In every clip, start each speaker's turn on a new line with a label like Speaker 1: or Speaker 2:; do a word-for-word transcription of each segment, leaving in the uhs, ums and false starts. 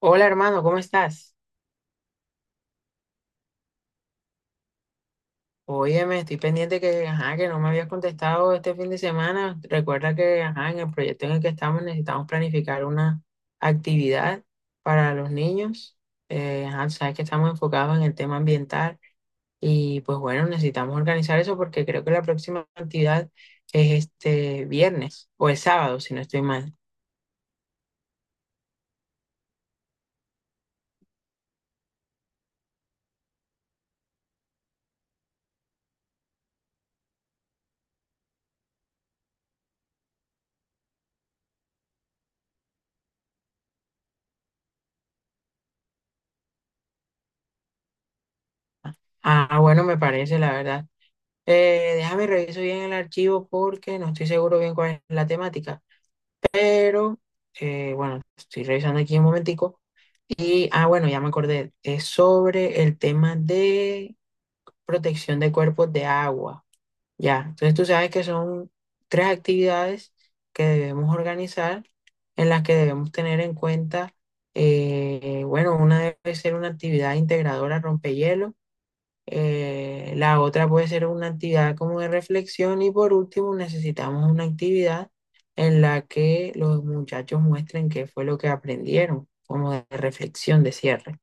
Speaker 1: Hola hermano, ¿cómo estás? Óyeme, estoy pendiente que, ajá, que no me habías contestado este fin de semana. Recuerda que, ajá, en el proyecto en el que estamos necesitamos planificar una actividad para los niños. Eh, ajá, sabes que estamos enfocados en el tema ambiental y pues bueno, necesitamos organizar eso porque creo que la próxima actividad es este viernes o el sábado, si no estoy mal. Ah, bueno, me parece, la verdad. Eh, déjame reviso bien el archivo porque no estoy seguro bien cuál es la temática. Pero, eh, bueno, estoy revisando aquí un momentico. Y, ah, bueno, ya me acordé. Es sobre el tema de protección de cuerpos de agua. Ya, entonces tú sabes que son tres actividades que debemos organizar, en las que debemos tener en cuenta, eh, bueno, una debe ser una actividad integradora rompehielo, eh, la otra puede ser una actividad como de reflexión y por último necesitamos una actividad en la que los muchachos muestren qué fue lo que aprendieron, como de reflexión de cierre.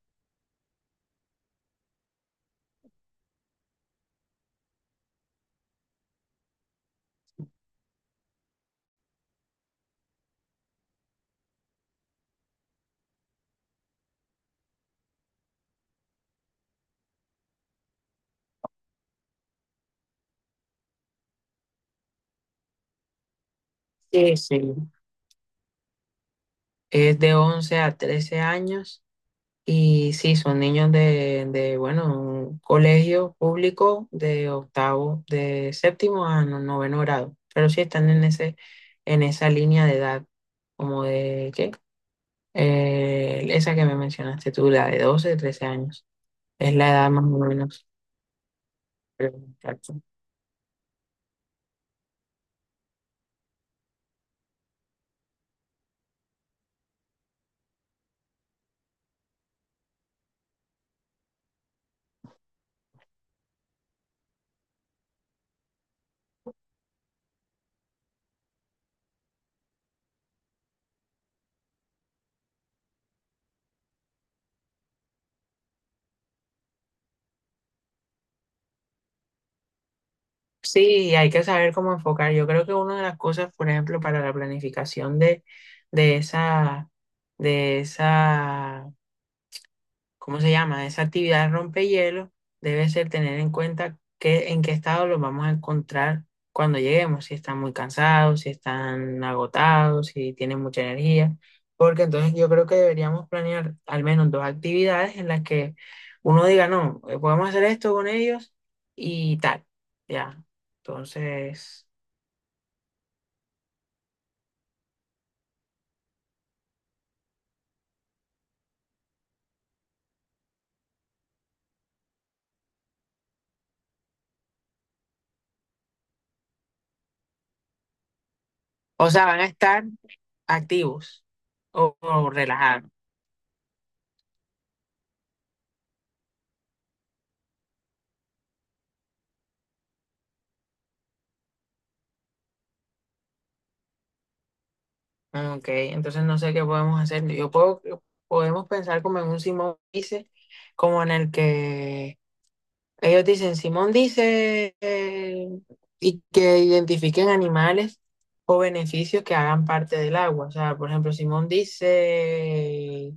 Speaker 1: Sí, sí. Es de once a trece años y sí, son niños de, de, bueno, un colegio público de octavo, de séptimo a no- noveno grado, pero sí están en ese, en esa línea de edad, como de, ¿qué? Eh, esa que me mencionaste tú, la de doce, trece años, es la edad más o menos. Pero, exacto. Sí, hay que saber cómo enfocar. Yo creo que una de las cosas, por ejemplo, para la planificación de, de esa, de esa ¿cómo se llama? Esa actividad rompehielo debe ser tener en cuenta que, en qué estado los vamos a encontrar cuando lleguemos, si están muy cansados, si están agotados, si tienen mucha energía, porque entonces yo creo que deberíamos planear al menos dos actividades en las que uno diga, no, eh, podemos hacer esto con ellos y tal, ya. Entonces, o sea, van a estar activos o, o relajados. Ah, ok, entonces no sé qué podemos hacer. Yo puedo, podemos pensar como en un Simón dice, como en el que ellos dicen, Simón dice, eh, y que identifiquen animales o beneficios que hagan parte del agua. O sea, por ejemplo, Simón dice,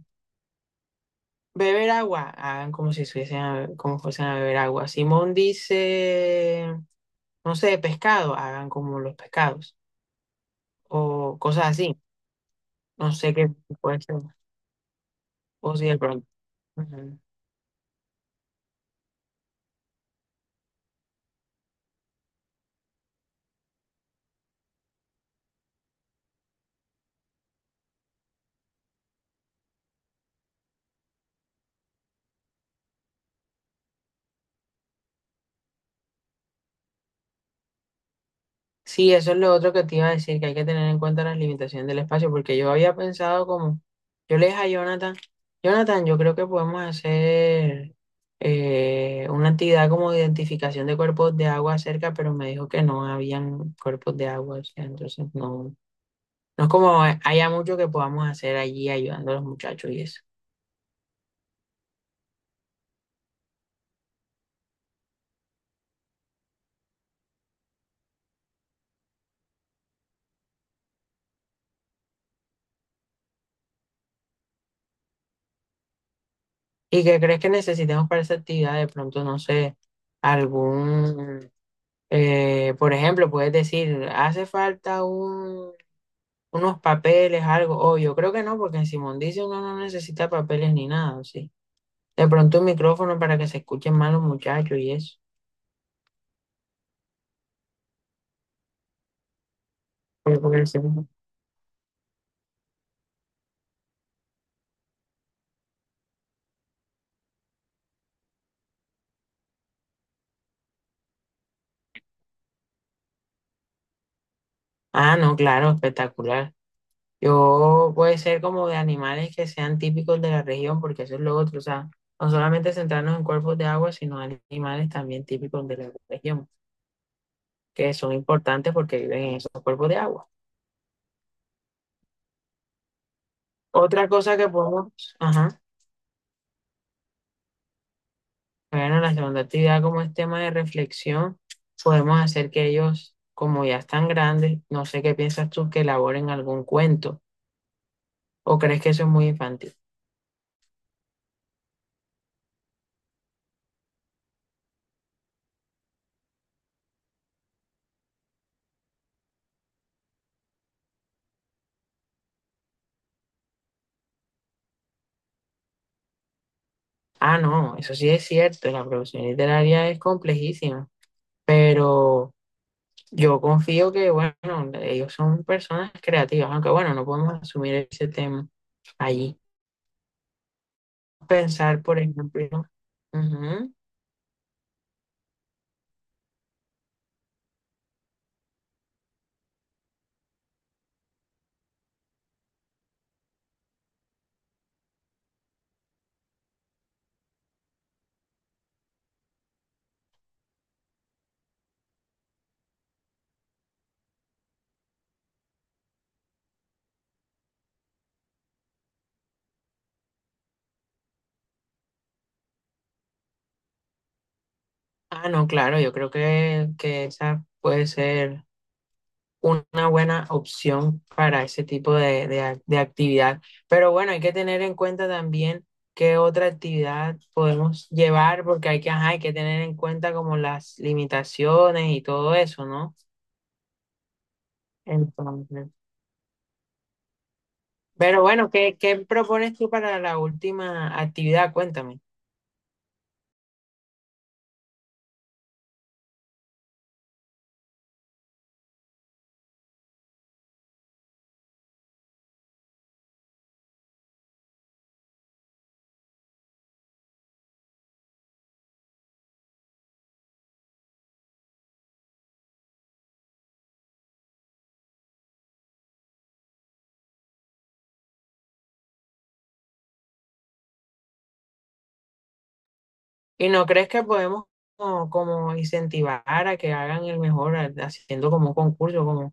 Speaker 1: beber agua, hagan como si fuesen a, como fuesen a beber agua. Simón dice, no sé, pescado, hagan como los pescados, o cosas así. No sé qué puede ser, o si de pronto. Ujú. Sí, eso es lo otro que te iba a decir, que hay que tener en cuenta las limitaciones del espacio, porque yo había pensado como, yo le dije a Jonathan, Jonathan, yo creo que podemos hacer eh, una actividad como de identificación de cuerpos de agua cerca, pero me dijo que no habían cuerpos de agua, o sea, entonces no, no es como haya mucho que podamos hacer allí ayudando a los muchachos y eso. ¿Y qué crees que necesitemos para esa actividad? De pronto, no sé, algún... Eh, por ejemplo, puedes decir, hace falta un, unos papeles, algo. Oh, yo creo que no, porque en Simondice uno no necesita papeles ni nada, sí. De pronto un micrófono para que se escuchen más los muchachos y eso. Pero por el segundo- Ah, no, claro, espectacular. Yo puede ser como de animales que sean típicos de la región, porque eso es lo otro, o sea, no solamente centrarnos en cuerpos de agua, sino animales también típicos de la región, que son importantes porque viven en esos cuerpos de agua. Otra cosa que podemos, ajá. Bueno, la segunda actividad, como es tema de reflexión, podemos hacer que ellos, como ya están grandes, no sé qué piensas tú, que elaboren algún cuento o crees que eso es muy infantil. Ah, no, eso sí es cierto, la producción literaria es complejísima, pero yo confío que, bueno, ellos son personas creativas, aunque bueno, no podemos asumir ese tema allí. Pensar, por ejemplo, ujú, ah, no, claro, yo creo que, que esa puede ser una buena opción para ese tipo de, de ac- de actividad. Pero bueno, hay que tener en cuenta también qué otra actividad podemos llevar, porque hay que, ajá, hay que tener en cuenta como las limitaciones y todo eso, ¿no? Entonces, pero bueno, ¿qué, qué propones tú para la última actividad? Cuéntame. ¿Y no crees que podemos como, como incentivar a que hagan el mejor a- haciendo como un concurso, como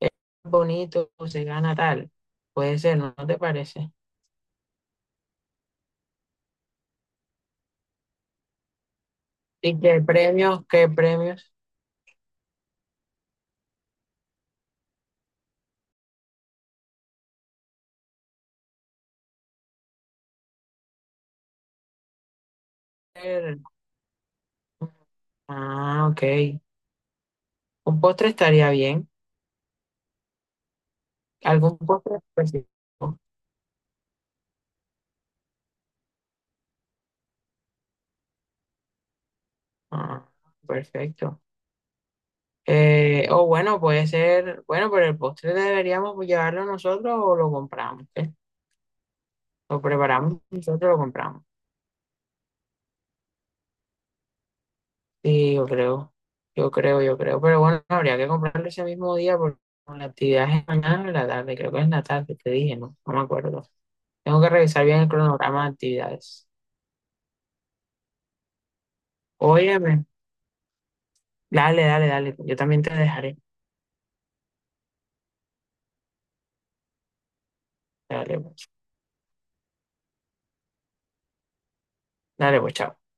Speaker 1: "Eh, bonito, se gana tal"? Puede ser, ¿no? ¿No te parece? ¿Y qué premios? ¿Qué premios? Eh, Ah, ok. Un postre estaría bien. ¿Algún postre específico? Ah, perfecto. Eh, o bueno, puede ser, bueno, pero el postre deberíamos llevarlo nosotros o lo compramos, ¿eh? Lo preparamos nosotros, lo compramos. Sí, yo creo, yo creo, yo creo. Pero bueno, habría que comprarlo ese mismo día porque la actividad es mañana en la tarde, creo que es en la tarde, te dije, ¿no? No me acuerdo. Tengo que revisar bien el cronograma de actividades. Oye, dale, dale, dale. Yo también te dejaré. Dale, pues. Dale, pues, chao.